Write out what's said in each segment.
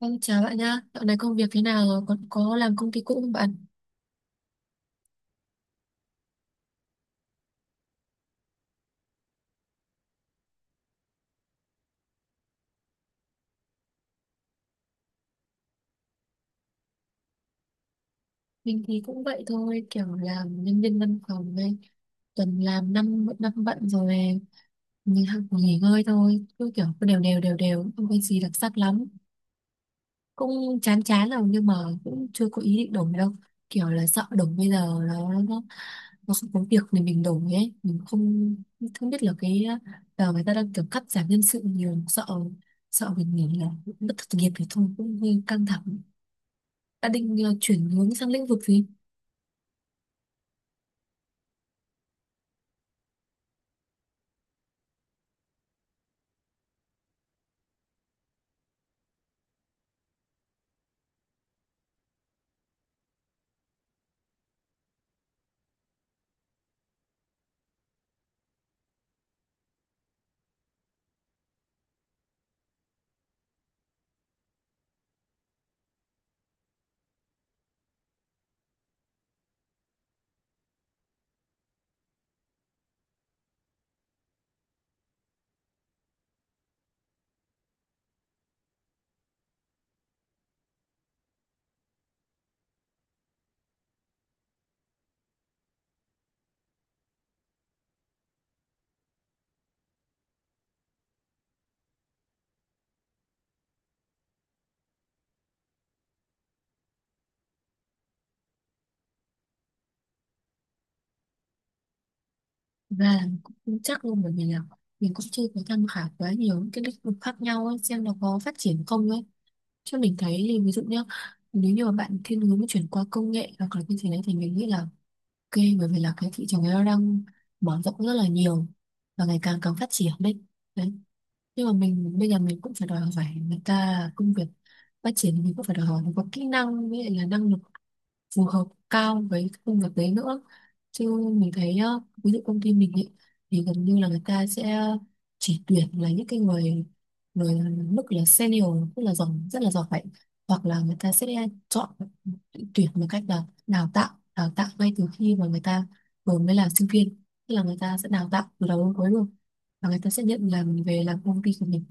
Vâng, chào bạn nhá. Dạo này công việc thế nào rồi? Còn có làm công ty cũ không bạn? Mình thì cũng vậy thôi, kiểu làm nhân viên văn phòng đây. Tuần làm năm năm bận rồi, mình học nghỉ ngơi thôi. Cứ kiểu cứ đều đều, không có gì đặc sắc lắm. Cũng chán chán rồi nhưng mà cũng chưa có ý định đổi đâu, kiểu là sợ đổi bây giờ nó nó nó không có việc để mình đổi ấy. Mình không không biết là cái giờ người ta đang kiểu cắt giảm nhân sự nhiều, sợ sợ mình nghỉ là mất, thất nghiệp thì thôi, cũng hơi căng thẳng. Đã định chuyển hướng sang lĩnh vực gì. Thực ra là cũng không chắc luôn, bởi vì là mình cũng chưa có tham khảo quá nhiều những cái lĩnh vực khác nhau ấy, xem nó có phát triển không ấy. Chứ mình thấy thì ví dụ nhá, nếu như mà bạn thiên hướng chuyển qua công nghệ hoặc là như thế này thì mình nghĩ là ok, bởi vì là cái thị trường ấy nó đang mở rộng rất là nhiều và ngày càng càng phát triển đấy. Đấy, nhưng mà mình bây giờ, mình cũng phải đòi hỏi người ta công việc phát triển, mình cũng phải đòi hỏi mình có kỹ năng với lại là năng lực phù hợp cao với cái công việc đấy nữa. Chứ mình thấy ờ, ví dụ công ty mình ý, thì gần như là người ta sẽ chỉ tuyển là những cái người người mức là senior, tức là giỏi, rất là giỏi. Hoặc là người ta sẽ chọn tuyển một cách là đào tạo ngay từ khi mà người ta vừa mới là sinh viên, tức là người ta sẽ đào tạo từ đầu đến cuối luôn và người ta sẽ nhận làm, về làm công ty của mình.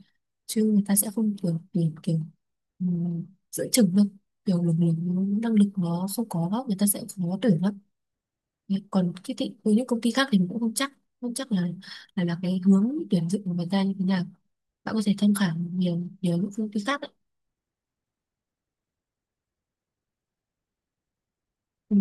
Chứ người ta sẽ không kiểu tìm kiểu giữa chừng đâu, kiểu lực lượng, năng lực nó không có, người ta sẽ khó tuyển lắm. Còn cái thị, với những công ty khác thì mình cũng không chắc, không chắc là cái hướng tuyển dụng của người ta như thế nào. Bạn có thể tham khảo nhiều, nhiều những công ty khác đấy. Ừ.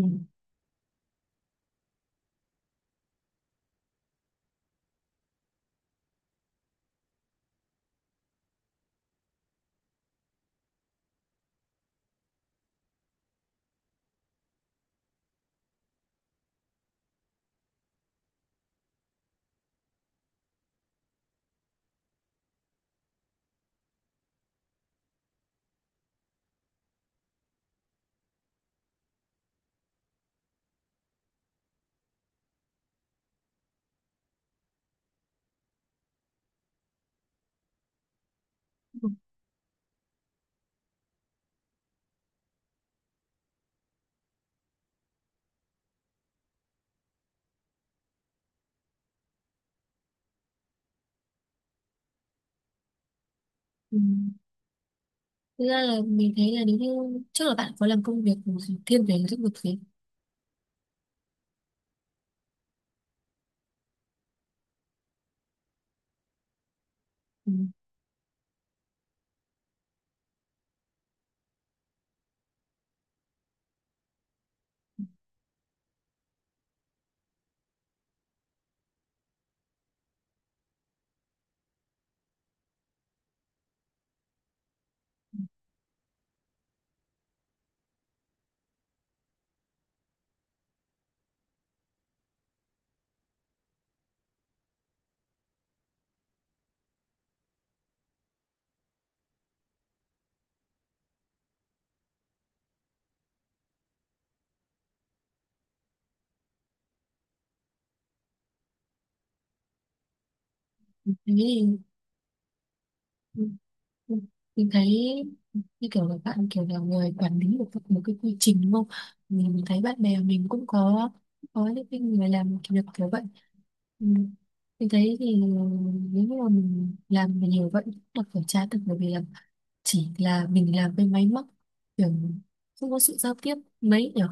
Ừ. Thực ra là mình thấy là nếu như trước là bạn có làm công việc thiên về lĩnh vực gì. Ừ. Thế thì ừ. Ừ. Mình thấy như kiểu là bạn kiểu là người quản lý được một cái quy trình, đúng không? Mình thấy bạn bè mình cũng có những cái người làm kiểu việc kiểu vậy. Ừ. Mình thấy thì nếu như mà mình làm mà nhiều vậy cũng là phải trả được, bởi vì là chỉ là mình làm với máy móc, kiểu không có sự giao tiếp mấy nhở.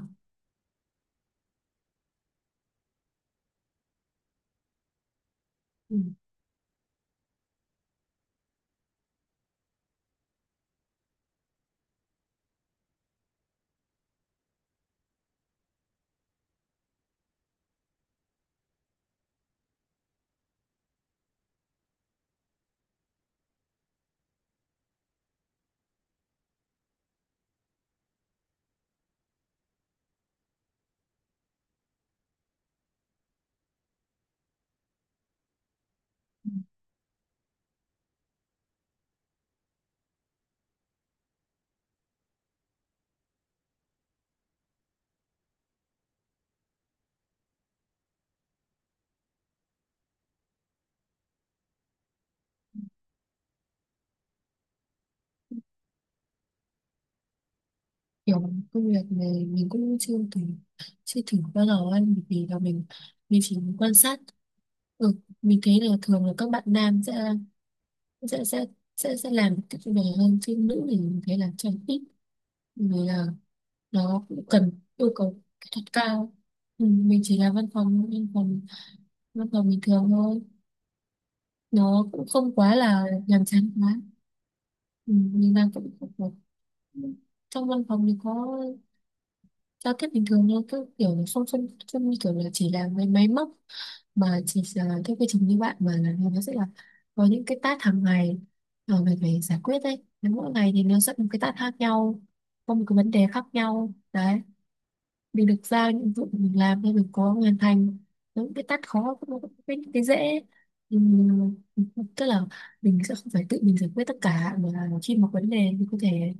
Ừ. Kiểu công việc này mình cũng chưa thử bao giờ ăn, bởi vì là mình chỉ quan sát. Ừ. Mình thấy là thường là các bạn nam sẽ sẽ sẽ làm cách về hơn, chứ nữ thì mình thấy là trang ít, vì là nó cũng cần yêu cầu kỹ thuật cao. Ừ, mình chỉ là văn phòng, văn phòng bình thường thôi, nó cũng không quá là nhàm chán quá. Ừ, mình đang cũng không có. Trong văn phòng thì có giao tiếp bình thường thôi, cứ kiểu là không không không như kiểu là chỉ là mấy máy móc, mà chỉ là cái quy trình như bạn, mà là nó sẽ là có những cái task hàng ngày mà mình phải giải quyết đấy. Nếu mỗi ngày thì nó sẽ có một cái task khác nhau, có một cái vấn đề khác nhau đấy. Mình được giao nhiệm vụ, mình làm, nên mình có hoàn thành. Những cái tát khó cũng có, cái dễ. Ừm, tức là mình sẽ không phải tự mình giải quyết tất cả, mà là khi một vấn đề mình có thể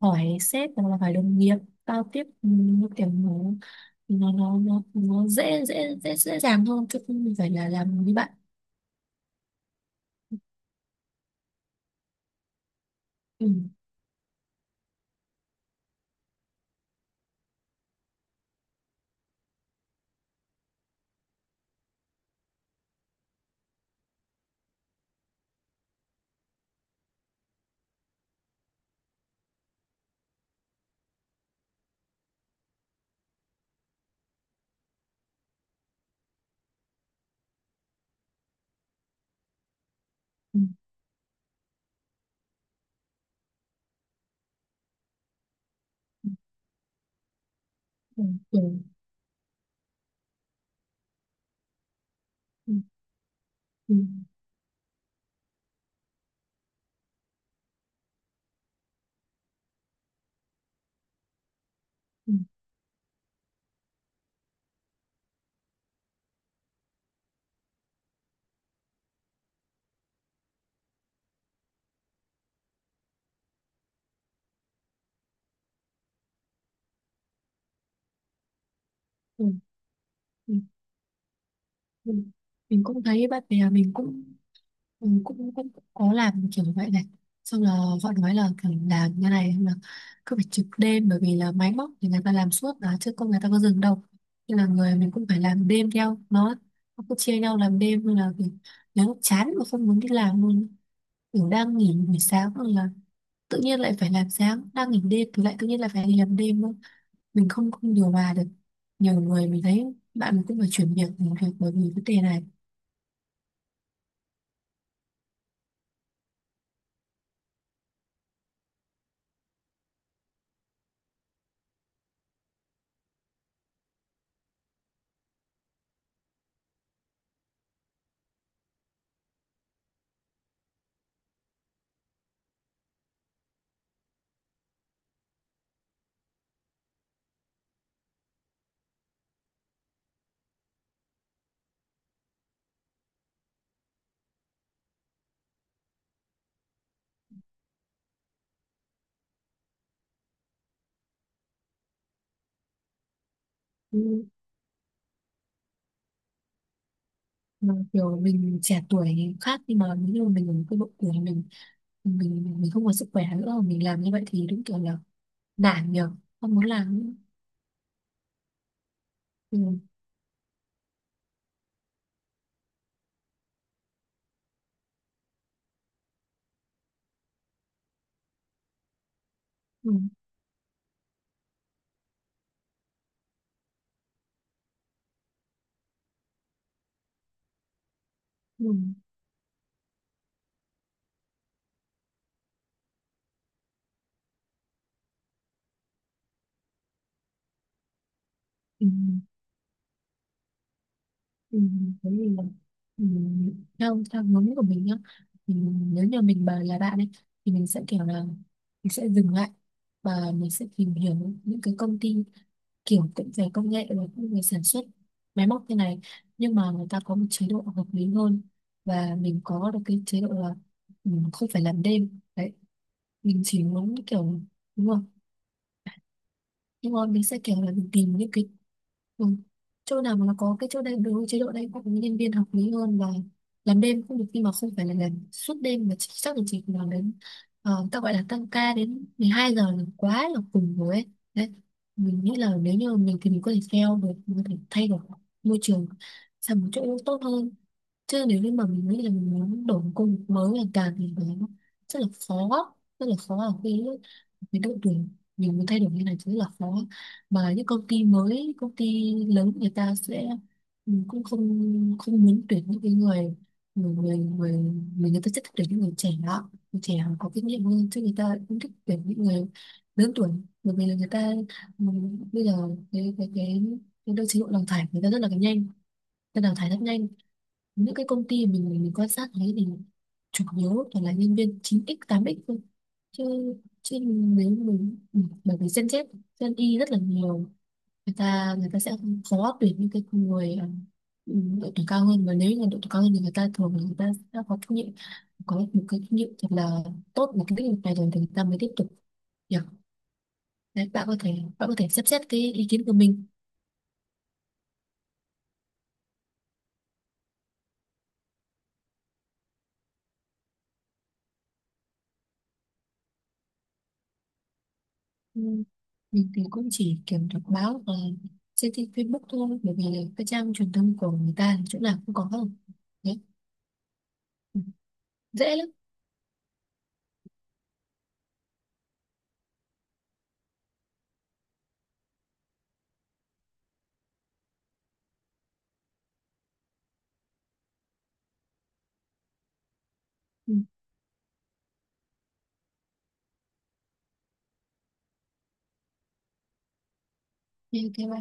hỏi sếp hoặc là phải đồng nghiệp giao tiếp. Ừm, nó kiểu nó dễ dễ dễ dễ dàng hơn, chứ không phải là làm với bạn. Ừ, ừ, ừ, ừ, ừ, ừ, ừ, ừ. Ừ. mình, mình cũng thấy bạn bè mình cũng, mình cũng cũng có làm kiểu vậy này, xong là họ nói là kiểu làm như này là cứ phải trực đêm, bởi vì là máy móc thì người ta làm suốt mà, chứ không người ta có dừng đâu. Nên là người mình cũng phải làm đêm theo nó cứ chia nhau làm đêm. Nên là kiểu, nếu lúc chán mà không muốn đi làm luôn, kiểu đang nghỉ buổi sáng hoặc là tự nhiên lại phải làm sáng, đang nghỉ đêm thì lại tự nhiên lại phải đi làm đêm nữa. Mình không không điều hòa được. Nhiều người mình thấy, bạn mình cũng phải chuyển việc, nghỉ việc bởi vì vấn đề này. Ừ, mà kiểu mình trẻ tuổi khác, nhưng mà nếu như mình ở cái độ tuổi mình không có sức khỏe nữa mà mình làm như vậy thì đúng kiểu là nản nhờ, không muốn làm nữa. Ừ, ừ, ừ, ừ, ừ. Thế thì là ừ, theo theo hướng của mình nhá, mình, nếu như mình bà là bạn ấy, thì mình sẽ kiểu là mình sẽ dừng lại và mình sẽ tìm hiểu những cái công ty kiểu cũng về công nghệ và cũng về sản xuất máy móc thế này, nhưng mà người ta có một chế độ hợp lý hơn, và mình có được cái chế độ là mình không phải làm đêm đấy. Mình chỉ muốn kiểu, đúng không? Nhưng mà mình sẽ kiểu là mình tìm những cái, ừ, chỗ nào mà nó có cái chỗ đầy đủ, chế độ đầy đủ, nhân viên hợp lý hơn, và làm đêm cũng được nhưng mà không phải là làm suốt đêm, mà chỉ, chắc là chỉ làm đến, ờ, ta gọi là tăng ca đến 12 giờ là quá là cùng rồi ấy. Đấy, mình nghĩ là nếu như mình thì mình có thể theo được, mình có thể thay đổi môi trường sang một chỗ tốt hơn. Chứ nếu như mà mình nghĩ là mình muốn đổi một công việc mới là càng thì nó rất là khó, rất là khó ở khi cái độ tuổi mình động đường, nhiều người thay đổi như này chứ là khó. Mà những công ty mới, công ty lớn, người ta sẽ ừ, cũng không, không muốn tuyển những cái người, người người người, người, người ta sẽ thích tuyển những người trẻ đó, người trẻ có kinh nghiệm hơn, chứ người ta cũng thích tuyển những người lớn tuổi. Bởi vì là người ta ừ, bây giờ cái cái cái cái đôi chế độ đào thải người ta rất là nhanh, nên đào thải rất nhanh. Những cái công ty mình quan sát thấy thì chủ yếu toàn là nhân viên chín x tám x thôi. Chứ, chứ nếu mình ừ, bởi vì Gen Z, Gen Y rất là nhiều, người ta sẽ khó tuyển những cái người ờ, ừ, độ tuổi cao hơn. Và nếu như là độ tuổi cao hơn thì người ta thường là người ta sẽ có kinh nghiệm, có một cái kinh nghiệm thật là tốt một cái lĩnh vực này rồi thì người ta mới tiếp tục. Yeah. Đấy, bạn có thể xem xét cái ý kiến của mình. Ừ. Mình thì cũng chỉ kiểm đọc báo và trên tin Facebook thôi, bởi vì cái trang truyền thông của người ta chỗ nào cũng có không. Đấy. Ừ. Dễ lắm. Ừ. Như thế mà